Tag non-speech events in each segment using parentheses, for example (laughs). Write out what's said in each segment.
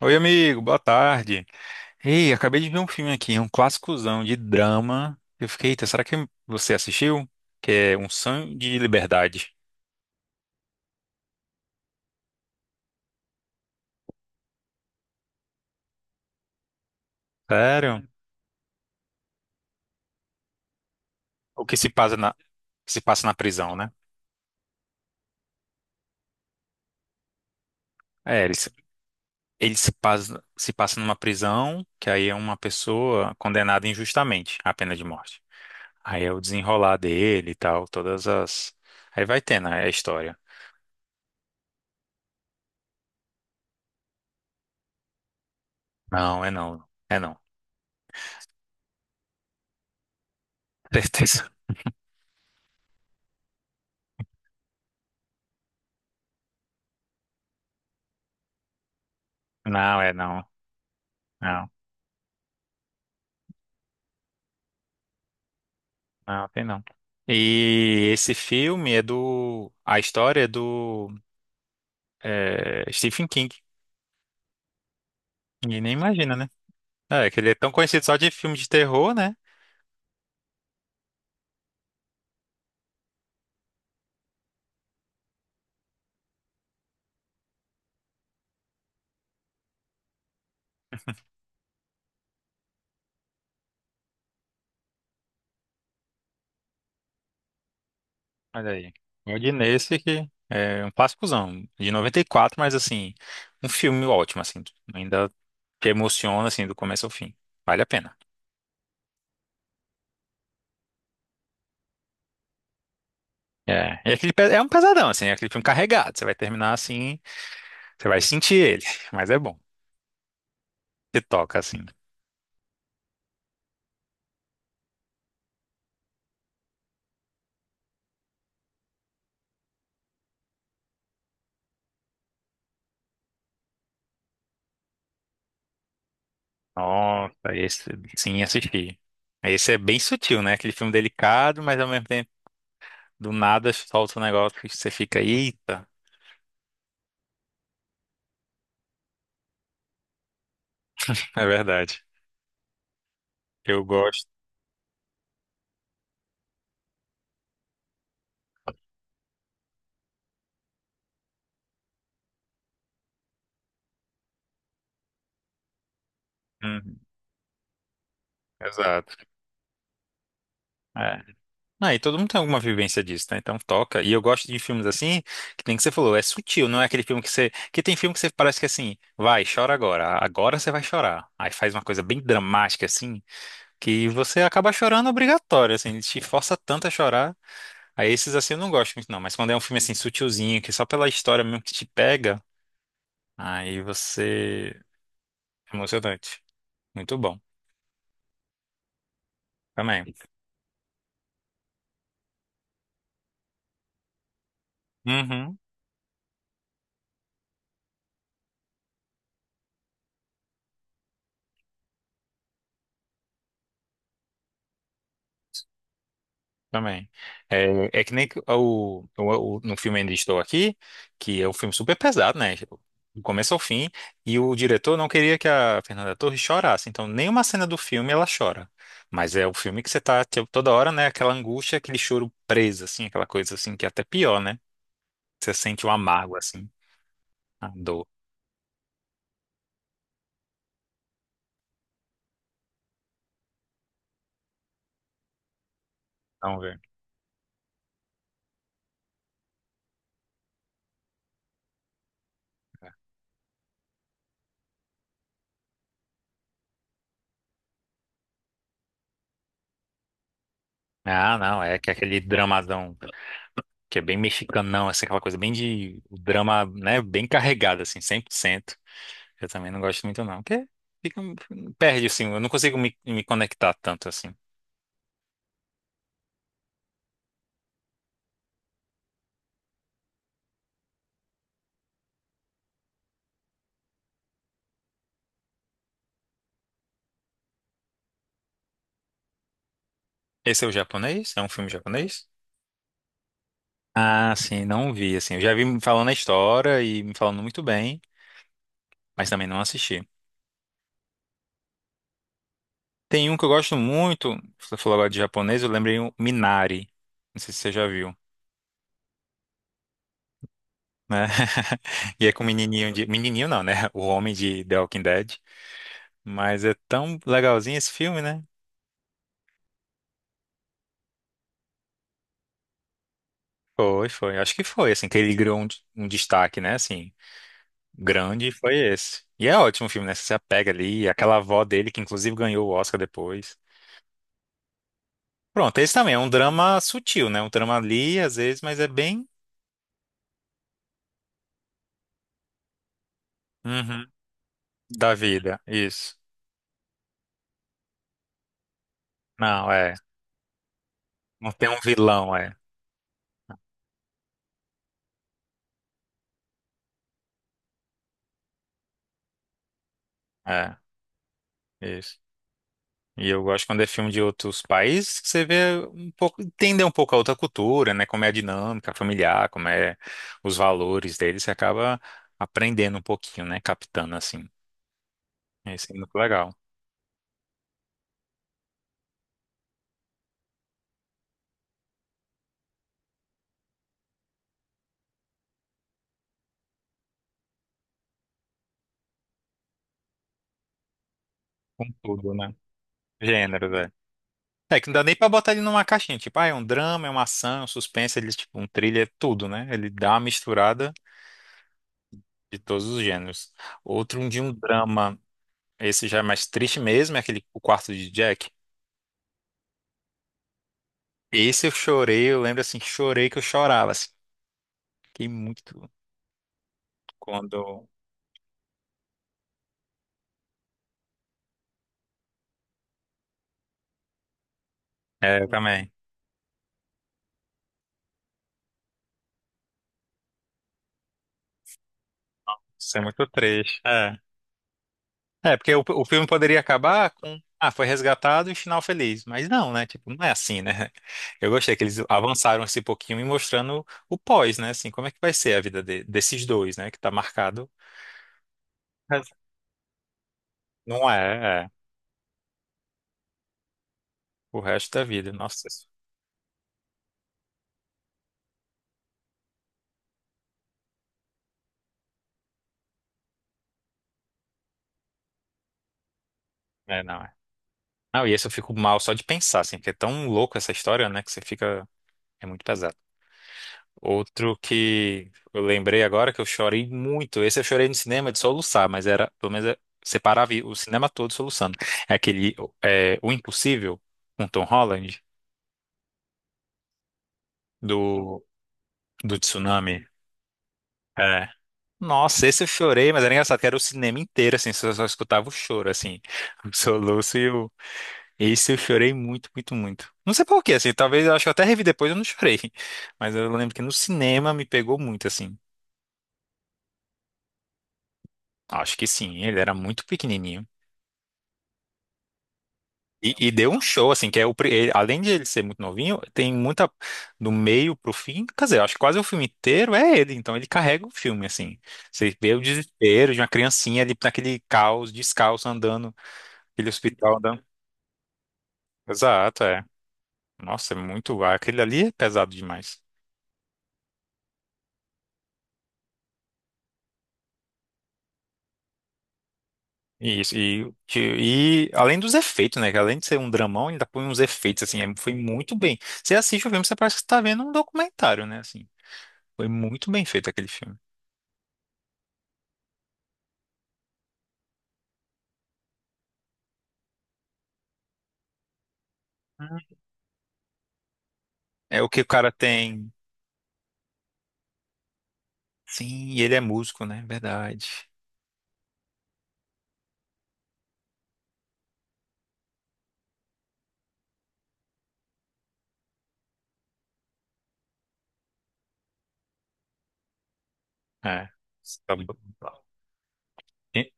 Oi, amigo, boa tarde. Ei, acabei de ver um filme aqui, um clássicozão de drama. Eu fiquei, eita, será que você assistiu? Que é Um Sonho de Liberdade. Sério? O que se passa na, se passa na prisão, né? É, ele, ele se passa, se passa numa prisão, que aí é uma pessoa condenada injustamente à pena de morte. Aí é o desenrolar dele e tal, todas as. Aí vai tendo a história. Não, é não. É não. (laughs) Certeza. Não, é não. Não. Ah, tem não. E esse filme é do. A história é do é, Stephen King. Ninguém nem imagina, né? É, que ele é tão conhecido só de filme de terror, né? Olha aí. Eu de nesse que é um clássicozão, de 94, mas assim, um filme ótimo, assim. Ainda te emociona, assim, do começo ao fim. Vale a pena. É, e aquele, é um pesadão, assim, é aquele filme carregado. Você vai terminar assim, você vai sentir ele, (laughs) mas é bom. Você toca, assim. Nossa, esse sim, assisti. Esse é bem sutil, né? Aquele filme delicado, mas ao mesmo tempo, do nada solta um negócio que você fica, eita, (laughs) é verdade. Eu gosto. Uhum, exato. É. Ah, e todo mundo tem alguma vivência disso, né? Então toca. E eu gosto de filmes assim, que tem que você falou, é sutil, não é aquele filme que você. Que tem filme que você parece que assim, vai, chora agora. Agora você vai chorar. Aí faz uma coisa bem dramática, assim, que você acaba chorando obrigatório, assim, ele te força tanto a chorar. Aí esses assim eu não gosto muito, não. Mas quando é um filme assim sutilzinho, que é só pela história mesmo que te pega, aí você. É Emocionante. Muito bom. Também. Uhum. Também. É, é que nem no filme Ainda Estou Aqui, que é um filme super pesado, né? Tipo, do começo ao fim. E o diretor não queria que a Fernanda Torres chorasse. Então, nenhuma cena do filme ela chora. Mas é o filme que você tá tipo, toda hora, né? Aquela angústia, aquele choro preso, assim, aquela coisa assim, que é até pior, né? Você sente o amargo, assim, a dor. Não, velho. Ah, não, é que é aquele dramadão que é bem mexicanão, assim, aquela coisa bem de o drama, né, bem carregado, assim, 100%. Eu também não gosto muito, não, porque fica, perde, assim, eu não consigo me conectar tanto, assim. Esse é o japonês? É um filme japonês? Ah, sim, não vi, assim, eu já vi me falando a história e me falando muito bem, mas também não assisti. Tem um que eu gosto muito, você falou agora de japonês, eu lembrei o Minari, não sei se você já viu. Né? (laughs) E é com o menininho de... Menininho não, né? O homem de The Walking Dead. Mas é tão legalzinho esse filme, né? Foi, foi. Acho que foi, assim, que ele criou um, um destaque, né? Assim, grande foi esse. E é ótimo o filme, né? Você se apega ali. Aquela avó dele, que inclusive ganhou o Oscar depois. Pronto, esse também é um drama sutil, né? Um drama ali, às vezes, mas é bem... Uhum, da vida, isso. Não, é. Não tem um vilão, é. É, isso. E eu gosto quando é filme de outros países, que você vê um pouco, entender um pouco a outra cultura, né? Como é a dinâmica familiar, como é os valores deles, você acaba aprendendo um pouquinho, né? Captando assim. Isso é muito legal. Com tudo, né? Gênero, velho. É que não dá nem pra botar ele numa caixinha, tipo, ah, é um drama, é uma ação, é um suspense, ele, tipo, um thriller, é tudo, né? Ele dá uma misturada de todos os gêneros. Outro de um drama, esse já é mais triste mesmo, é aquele O Quarto de Jack. Esse eu chorei, eu lembro assim, chorei que eu chorava, assim, fiquei muito quando. É, eu também. Isso é muito triste. É. É, porque o filme poderia acabar com. Ah, foi resgatado e final feliz. Mas não, né? Tipo, não é assim, né? (laughs) Eu gostei que eles avançaram esse pouquinho e mostrando o pós, né? Assim, como é que vai ser a vida desses dois, né? Que tá marcado. Mas não é, é. O resto da vida. Nossa. Isso- é, não é. Não, e esse eu fico mal só de pensar, assim, porque é tão louco essa história, né? Que você fica. É muito pesado. Outro que eu lembrei agora que eu chorei muito. Esse eu chorei no cinema de soluçar, mas era, pelo menos, eu separava o cinema todo soluçando. É aquele é, O Impossível, com Tom Holland, do, do Tsunami. É. Nossa, esse eu chorei, mas era engraçado que era o cinema inteiro, assim, só escutava o choro, assim, (laughs) o soluço e o. Esse eu chorei muito, muito, muito. Não sei por quê, assim, talvez eu acho que eu até revi depois eu não chorei. (laughs) Mas eu lembro que no cinema me pegou muito, assim. Acho que sim, ele era muito pequenininho. E deu um show, assim, que é além de ele ser muito novinho, tem muita, do meio pro fim, quer dizer, eu acho que quase o filme inteiro é ele, então ele carrega o filme, assim. Você vê o desespero de uma criancinha ali naquele caos, descalço, andando, aquele hospital andando. Exato, é. Nossa, é muito, aquele ali é pesado demais. E isso, e além dos efeitos, né, que além de ser um dramão, ainda põe uns efeitos, assim, foi muito bem. Você assiste o filme, você parece que está vendo um documentário, né, assim. Foi muito bem feito aquele filme. É o que o cara tem. Sim, e ele é músico, né? Verdade. É. Tá bom. E-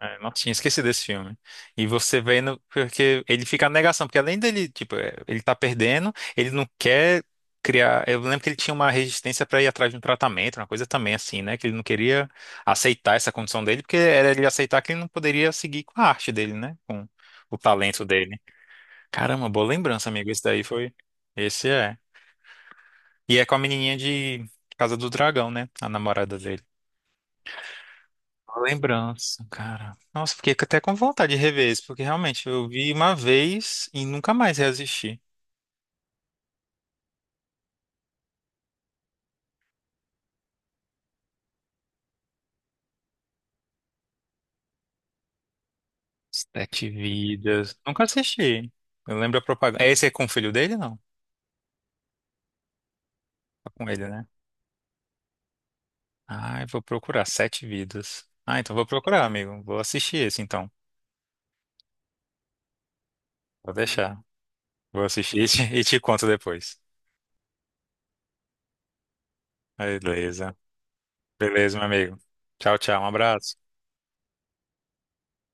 é, nossa, tinha esquecido desse filme. E você vendo, porque ele fica na negação, porque além dele, tipo, é, ele tá perdendo, ele não quer criar. Eu lembro que ele tinha uma resistência pra ir atrás de um tratamento, uma coisa também assim, né? Que ele não queria aceitar essa condição dele, porque era ele aceitar que ele não poderia seguir com a arte dele, né? Com o talento dele. Caramba, boa lembrança, amigo. Esse daí foi. Esse é. E é com a menininha de Casa do Dragão, né? A namorada dele. Uma lembrança, cara. Nossa, fiquei até com vontade de rever isso, porque realmente eu vi uma vez e nunca mais reassisti. Sete Vidas. Nunca assisti. Eu lembro a propaganda. Esse é com o filho dele, não? É com ele, né? Ai, vou procurar. Sete Vidas. Ah, então vou procurar, amigo. Vou assistir esse, então. Vou deixar. Vou assistir (laughs) e te conto depois. Beleza. Beleza, meu amigo. Tchau, tchau. Um abraço.